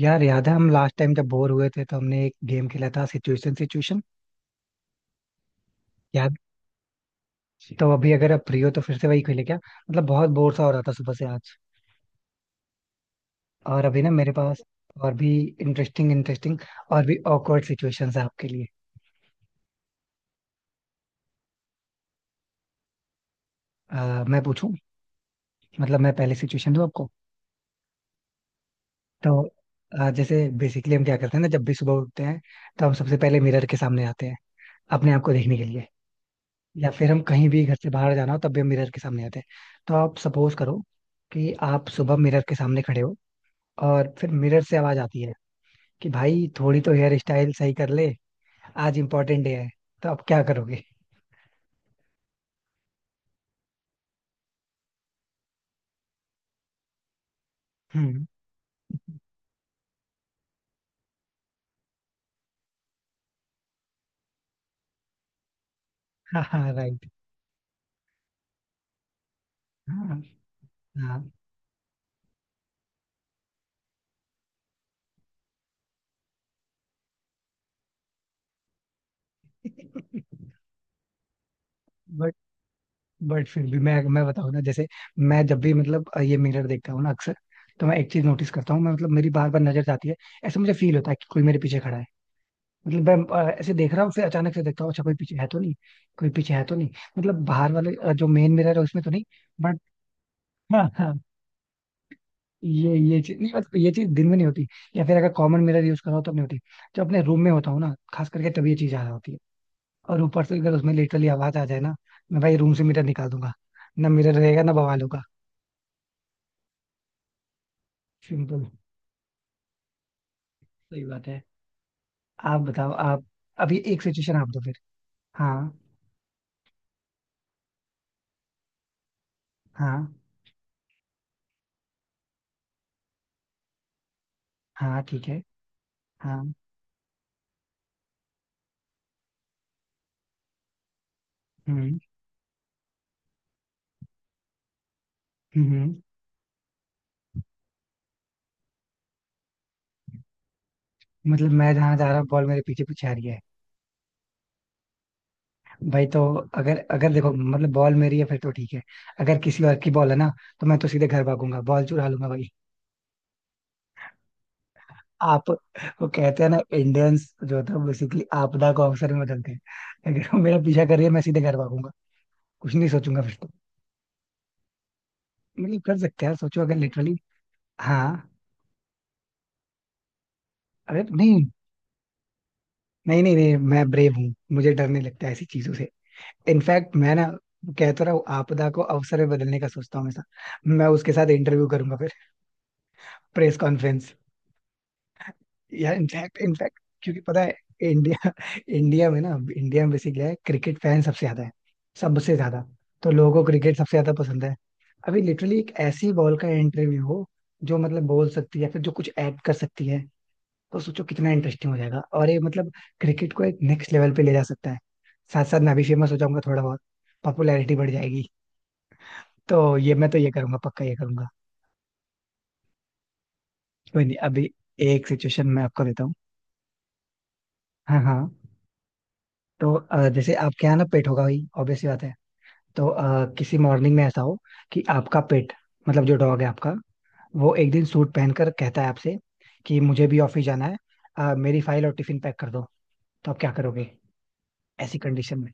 यार याद है हम लास्ट टाइम जब बोर हुए थे तो हमने एक गेम खेला था, सिचुएशन सिचुएशन। याद जी। तो अभी अगर आप फ्री हो तो फिर से वही खेले क्या। मतलब बहुत बोर सा हो रहा था सुबह से आज। और अभी ना मेरे पास और भी इंटरेस्टिंग इंटरेस्टिंग और भी ऑकवर्ड सिचुएशंस है आपके लिए। मैं पूछूं? मतलब मैं पहले सिचुएशन दूं आपको? तो जैसे बेसिकली हम क्या करते हैं ना, जब भी सुबह उठते हैं तो हम सबसे पहले मिरर के सामने आते हैं अपने आप को देखने के लिए। या फिर हम कहीं भी घर से बाहर जाना हो तब भी हम मिरर के सामने आते हैं। तो आप सपोज करो कि आप सुबह मिरर के सामने खड़े हो और फिर मिरर से आवाज आती है कि भाई थोड़ी तो हेयर स्टाइल सही कर ले, आज इम्पोर्टेंट डे है। तो आप क्या करोगे? हम्म। हाँ हाँ राइट। हाँ हाँ। बट बट फिर भी मैं बताऊँ ना, जैसे मैं जब भी मतलब ये मिरर देखता हूँ ना अक्सर, तो मैं एक चीज नोटिस करता हूँ। मैं मतलब मेरी बार बार नजर जाती है। ऐसा मुझे फील होता है कि कोई मेरे पीछे खड़ा है। मतलब मैं ऐसे देख रहा हूँ, फिर अचानक से देखता हूँ, अच्छा कोई पीछे है तो नहीं। कोई पीछे है तो नहीं। मतलब बाहर वाले जो मेन मिरर है उसमें तो नहीं। बट हाँ हाँ। ये चीज नहीं, मतलब ये चीज दिन में नहीं होती, या फिर अगर कॉमन मिरर यूज कर रहा हो तब नहीं होती। जब अपने रूम में होता हूँ ना खास करके, तब ये चीज आ रहा होती है। और ऊपर से अगर उसमें लिटरली आवाज आ जाए ना, मैं भाई रूम से मिरर निकाल दूंगा। ना मिरर रहेगा, ना बवाल होगा। सिंपल। सही बात है। आप बताओ आप। अभी एक सिचुएशन आप दो फिर। हाँ। हाँ। हाँ ठीक है। हाँ। हम्म। हम्म हम्म। मतलब मैं जहां जा रहा हूँ बॉल मेरे पीछे पीछे आ रही है। भाई तो, अगर अगर देखो मतलब बॉल मेरी है फिर तो ठीक है। अगर किसी और की बॉल है ना, तो मैं तो सीधे घर भागूंगा, बॉल चुरा लूंगा भाई। आप। वो कहते हैं ना इंडियंस जो था बेसिकली आपदा को अवसर में बदलते हैं। अगर वो मेरा पीछा कर रही है मैं सीधे घर भागूंगा। कुछ नहीं सोचूंगा फिर तो। मतलब कर सकते हैं यार, सोचो अगर लिटरली। हाँ। अरे नहीं। नहीं नहीं नहीं मैं ब्रेव हूँ, मुझे डर नहीं लगता ऐसी चीजों से। इनफैक्ट मैं ना कहता रहा हूँ आपदा को अवसर में बदलने का सोचता हूँ हमेशा। मैं उसके साथ इंटरव्यू करूंगा। Press conference. या इनफैक्ट इनफैक्ट क्योंकि पता है, इंडिया इंडिया में ना इंडिया में बेसिकली है क्रिकेट फैन सबसे ज्यादा है। सबसे ज्यादा। तो लोगों को क्रिकेट सबसे ज्यादा पसंद है। अभी लिटरली एक ऐसी बॉल का इंटरव्यू हो जो मतलब बोल सकती है, या फिर जो कुछ ऐड कर सकती है, तो सोचो कितना इंटरेस्टिंग हो जाएगा। और ये मतलब क्रिकेट को एक नेक्स्ट लेवल पे ले जा सकता है। साथ साथ मैं भी फेमस हो जाऊंगा थोड़ा बहुत। पॉपुलैरिटी बढ़ जाएगी। तो ये मैं तो ये करूंगा, पक्का ये करूंगा। कोई नहीं। अभी एक सिचुएशन मैं आपको देता हूँ। हाँ हाँ। तो जैसे आपके यहाँ ना पेट होगा भाई, ऑब्वियस सी बात है। तो किसी मॉर्निंग में ऐसा हो कि आपका पेट, मतलब जो डॉग है आपका, वो एक दिन सूट पहनकर कहता है आपसे कि मुझे भी ऑफिस जाना है, मेरी फाइल और टिफिन पैक कर दो। तो आप क्या करोगे ऐसी कंडीशन में?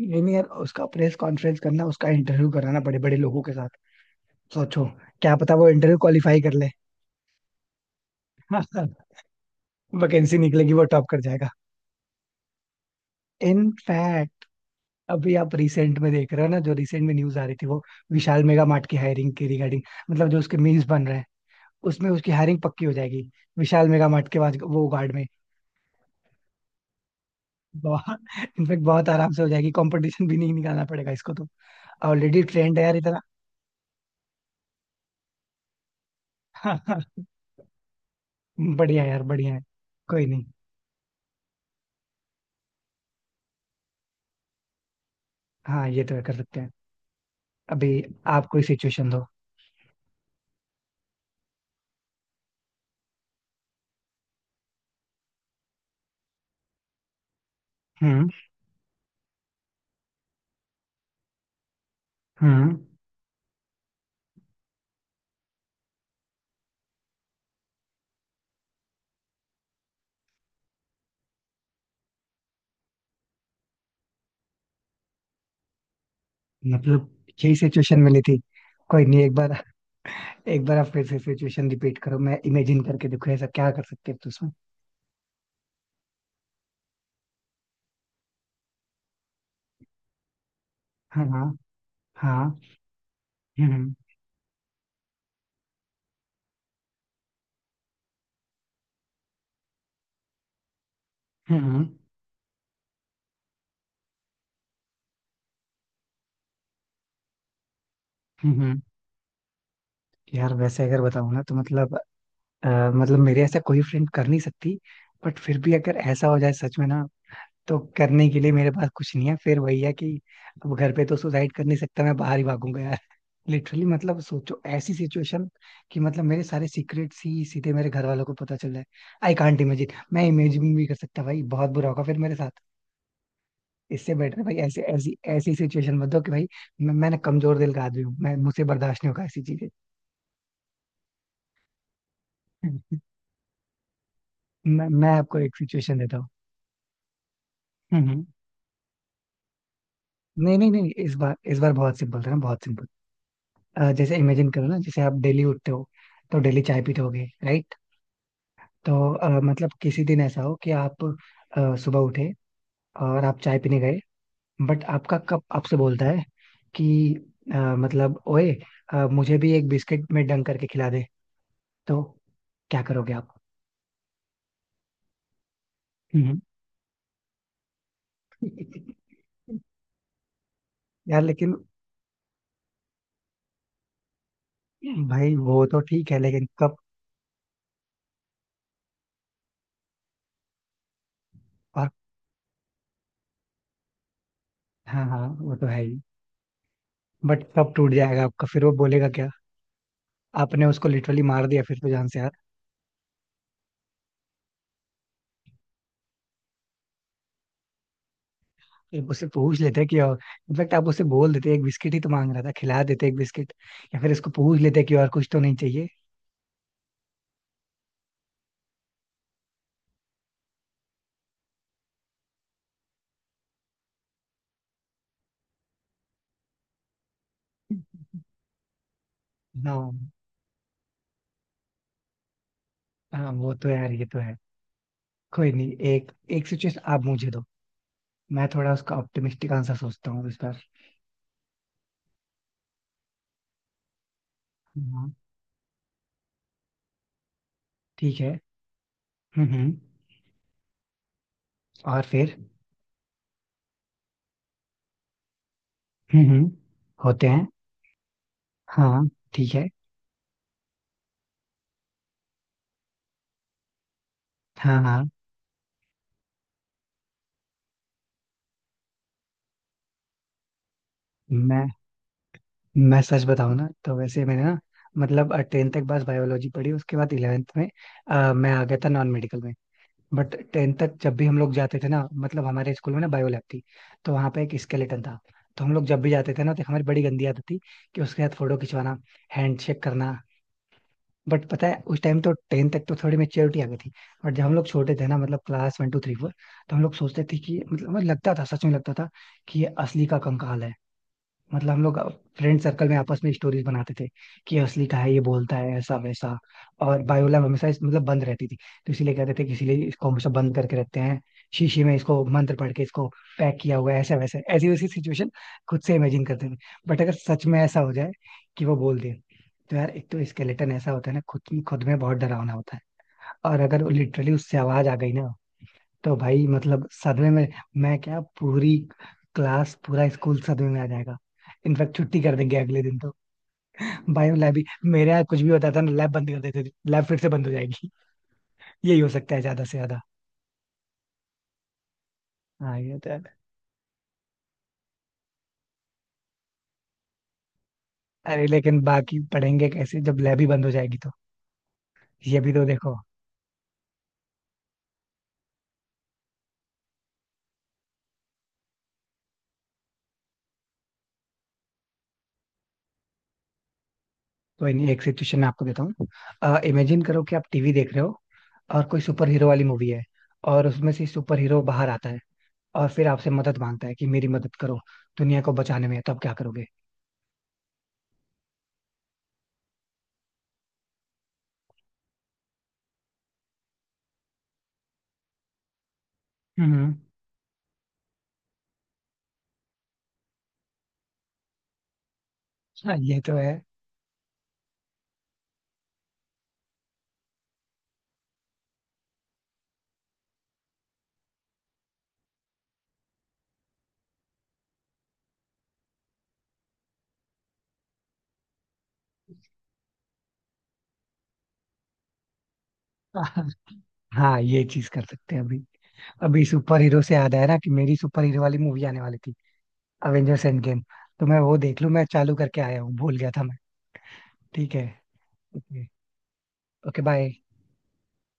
ये नहीं यार, उसका प्रेस कॉन्फ्रेंस करना, उसका इंटरव्यू कराना बड़े बड़े लोगों के साथ, सोचो। क्या पता वो इंटरव्यू क्वालिफाई कर ले। वैकेंसी निकलेगी वो टॉप कर जाएगा। इनफैक्ट अभी आप रिसेंट में देख रहे हो ना, जो रिसेंट में न्यूज आ रही थी वो विशाल मेगा मार्ट की हायरिंग के रिगार्डिंग, मतलब जो उसके मीम्स बन रहे हैं, उसमें उसकी हायरिंग पक्की हो जाएगी। विशाल मेगा मार्ट के बाद वो गार्ड में। बहुत इनफेक्ट बहुत आराम से हो जाएगी, कंपटीशन भी नहीं निकालना पड़ेगा इसको तो। ऑलरेडी ट्रेंड है यार इतना। बढ़िया है यार, बढ़िया है। कोई नहीं। हाँ ये तो कर सकते हैं। अभी आप कोई सिचुएशन दो। हम्म। हम्म मतलब यही सिचुएशन मिली थी। कोई नहीं, एक बार आप फिर से सिचुएशन रिपीट करो, मैं इमेजिन करके देखो ऐसा क्या कर सकते हैं तो उसमें। हाँ। हाँ। हाँ। हम्म। हम्म। हम्म। हम्म, हम्म। यार वैसे अगर बताऊं ना तो मतलब मतलब मेरे ऐसा कोई फ्रेंड कर नहीं सकती। बट फिर भी अगर ऐसा हो जाए सच में ना, तो करने के लिए मेरे पास कुछ नहीं है, फिर वही है कि अब घर पे तो सुसाइड कर नहीं सकता, मैं बाहर ही भागूंगा यार। लिटरली मतलब सोचो ऐसी सिचुएशन कि मतलब मेरे सारे सीक्रेट्स ही सीधे मेरे घर वालों को पता चल जाए। आई कांट इमेजिन, मैं इमेजिन भी नहीं कर सकता भाई, बहुत बुरा होगा फिर मेरे साथ। इससे बेटर है भाई, ऐसे ऐसी ऐसी सिचुएशन मत दो कि भाई मैंने कमजोर दिल का आदमी हूँ, मैं मुझसे बर्दाश्त नहीं होगा ऐसी चीजें। मैं आपको एक सिचुएशन देता हूँ। हम्म हम्म। नहीं नहीं नहीं इस बार, इस बार बहुत सिंपल था ना, बहुत सिंपल। जैसे इमेजिन करो ना, जैसे आप डेली उठते हो तो डेली चाय पीते होगे राइट? तो मतलब किसी दिन ऐसा हो कि आप सुबह उठे और आप चाय पीने गए, बट आपका कप आपसे बोलता है कि मतलब ओए, मुझे भी एक बिस्किट में डंक करके खिला दे, तो क्या करोगे आप? हम्म हम्म। यार लेकिन भाई वो तो ठीक है, लेकिन कब और। हाँ हाँ वो तो है ही। बट कब टूट जाएगा आपका, फिर वो बोलेगा क्या? आपने उसको लिटरली मार दिया फिर तो, जान से यार। एक उससे पूछ लेते कि और, इनफैक्ट आप उससे बोल देते, एक बिस्किट ही तो मांग रहा था, खिला देते एक बिस्किट, या फिर इसको पूछ लेते कि और कुछ तो नहीं चाहिए? ना। हाँ वो तो यार, ये तो है। कोई नहीं, एक एक सिचुएशन आप मुझे दो। मैं थोड़ा उसका ऑप्टिमिस्टिक आंसर सोचता हूँ इस बार। हाँ ठीक है। हम्म। और फिर। हम्म। होते हैं। हाँ ठीक है। हाँ हाँ। मैं सच बताऊँ ना, तो वैसे मैंने ना मतलब टेंथ तक बस बायोलॉजी पढ़ी, उसके बाद इलेवेंथ में मैं आ गया था नॉन मेडिकल में। बट टेंथ तक जब भी हम लोग जाते थे ना, मतलब हमारे स्कूल में ना बायो लैब थी, तो वहाँ पे एक स्केलेटन था। तो हम लोग जब भी जाते थे ना, तो हमारी बड़ी गंदी आदत थी कि उसके साथ फोटो खिंचवाना, हैंड शेक करना। बट पता है उस टाइम तो टेंथ तक तो थोड़ी मेच्योरिटी आ गई थी। बट जब हम लोग छोटे थे ना, मतलब class one two three four, तो हम लोग सोचते थे कि मतलब हमें लगता था, सच में लगता था कि ये असली का कंकाल है। मतलब हम लोग फ्रेंड सर्कल में आपस में स्टोरीज बनाते थे कि ये असली का है, ये बोलता है ऐसा वैसा। और बायो लैब हमेशा मतलब बंद रहती थी। तो इसीलिए कहते थे कि इसीलिए इसको हमेशा बंद करके रखते हैं, शीशी में इसको मंत्र पढ़ के इसको पैक किया हुआ है, ऐसा वैसा, ऐसी वैसी सिचुएशन खुद से इमेजिन करते थे। बट अगर सच में ऐसा हो जाए कि वो बोल दे, तो यार एक तो स्केलेटन ऐसा होता है ना, खुद खुद में बहुत डरावना होता है, और अगर लिटरली उससे आवाज आ गई ना, तो भाई मतलब सदमे में, मैं क्या पूरी क्लास, पूरा स्कूल सदमे में आ जाएगा। इनफैक्ट छुट्टी कर देंगे अगले दिन तो, बायो लैब ही। मेरे यहाँ कुछ भी होता था ना लैब बंद कर देते थे, लैब फिर से बंद हो जाएगी। यही हो सकता है ज्यादा से ज्यादा। हाँ ये तो है। अरे लेकिन बाकी पढ़ेंगे कैसे जब लैब ही बंद हो जाएगी तो? ये भी तो देखो। कोई नहीं, एक सिचुएशन मैं आपको देता हूँ। इमेजिन करो कि आप टीवी देख रहे हो और कोई सुपर हीरो वाली मूवी है और उसमें से सुपर हीरो बाहर आता है और फिर आपसे मदद मांगता है कि मेरी मदद करो दुनिया को बचाने में, तो आप क्या करोगे? हम्म। हाँ ये तो है। हाँ ये चीज कर सकते हैं। अभी अभी सुपर हीरो से याद आया ना कि मेरी सुपर हीरो वाली मूवी आने वाली थी, अवेंजर्स एंड गेम। तो मैं वो देख लूं, मैं चालू करके आया हूँ, भूल गया था मैं। ठीक है। ओके। Okay bye.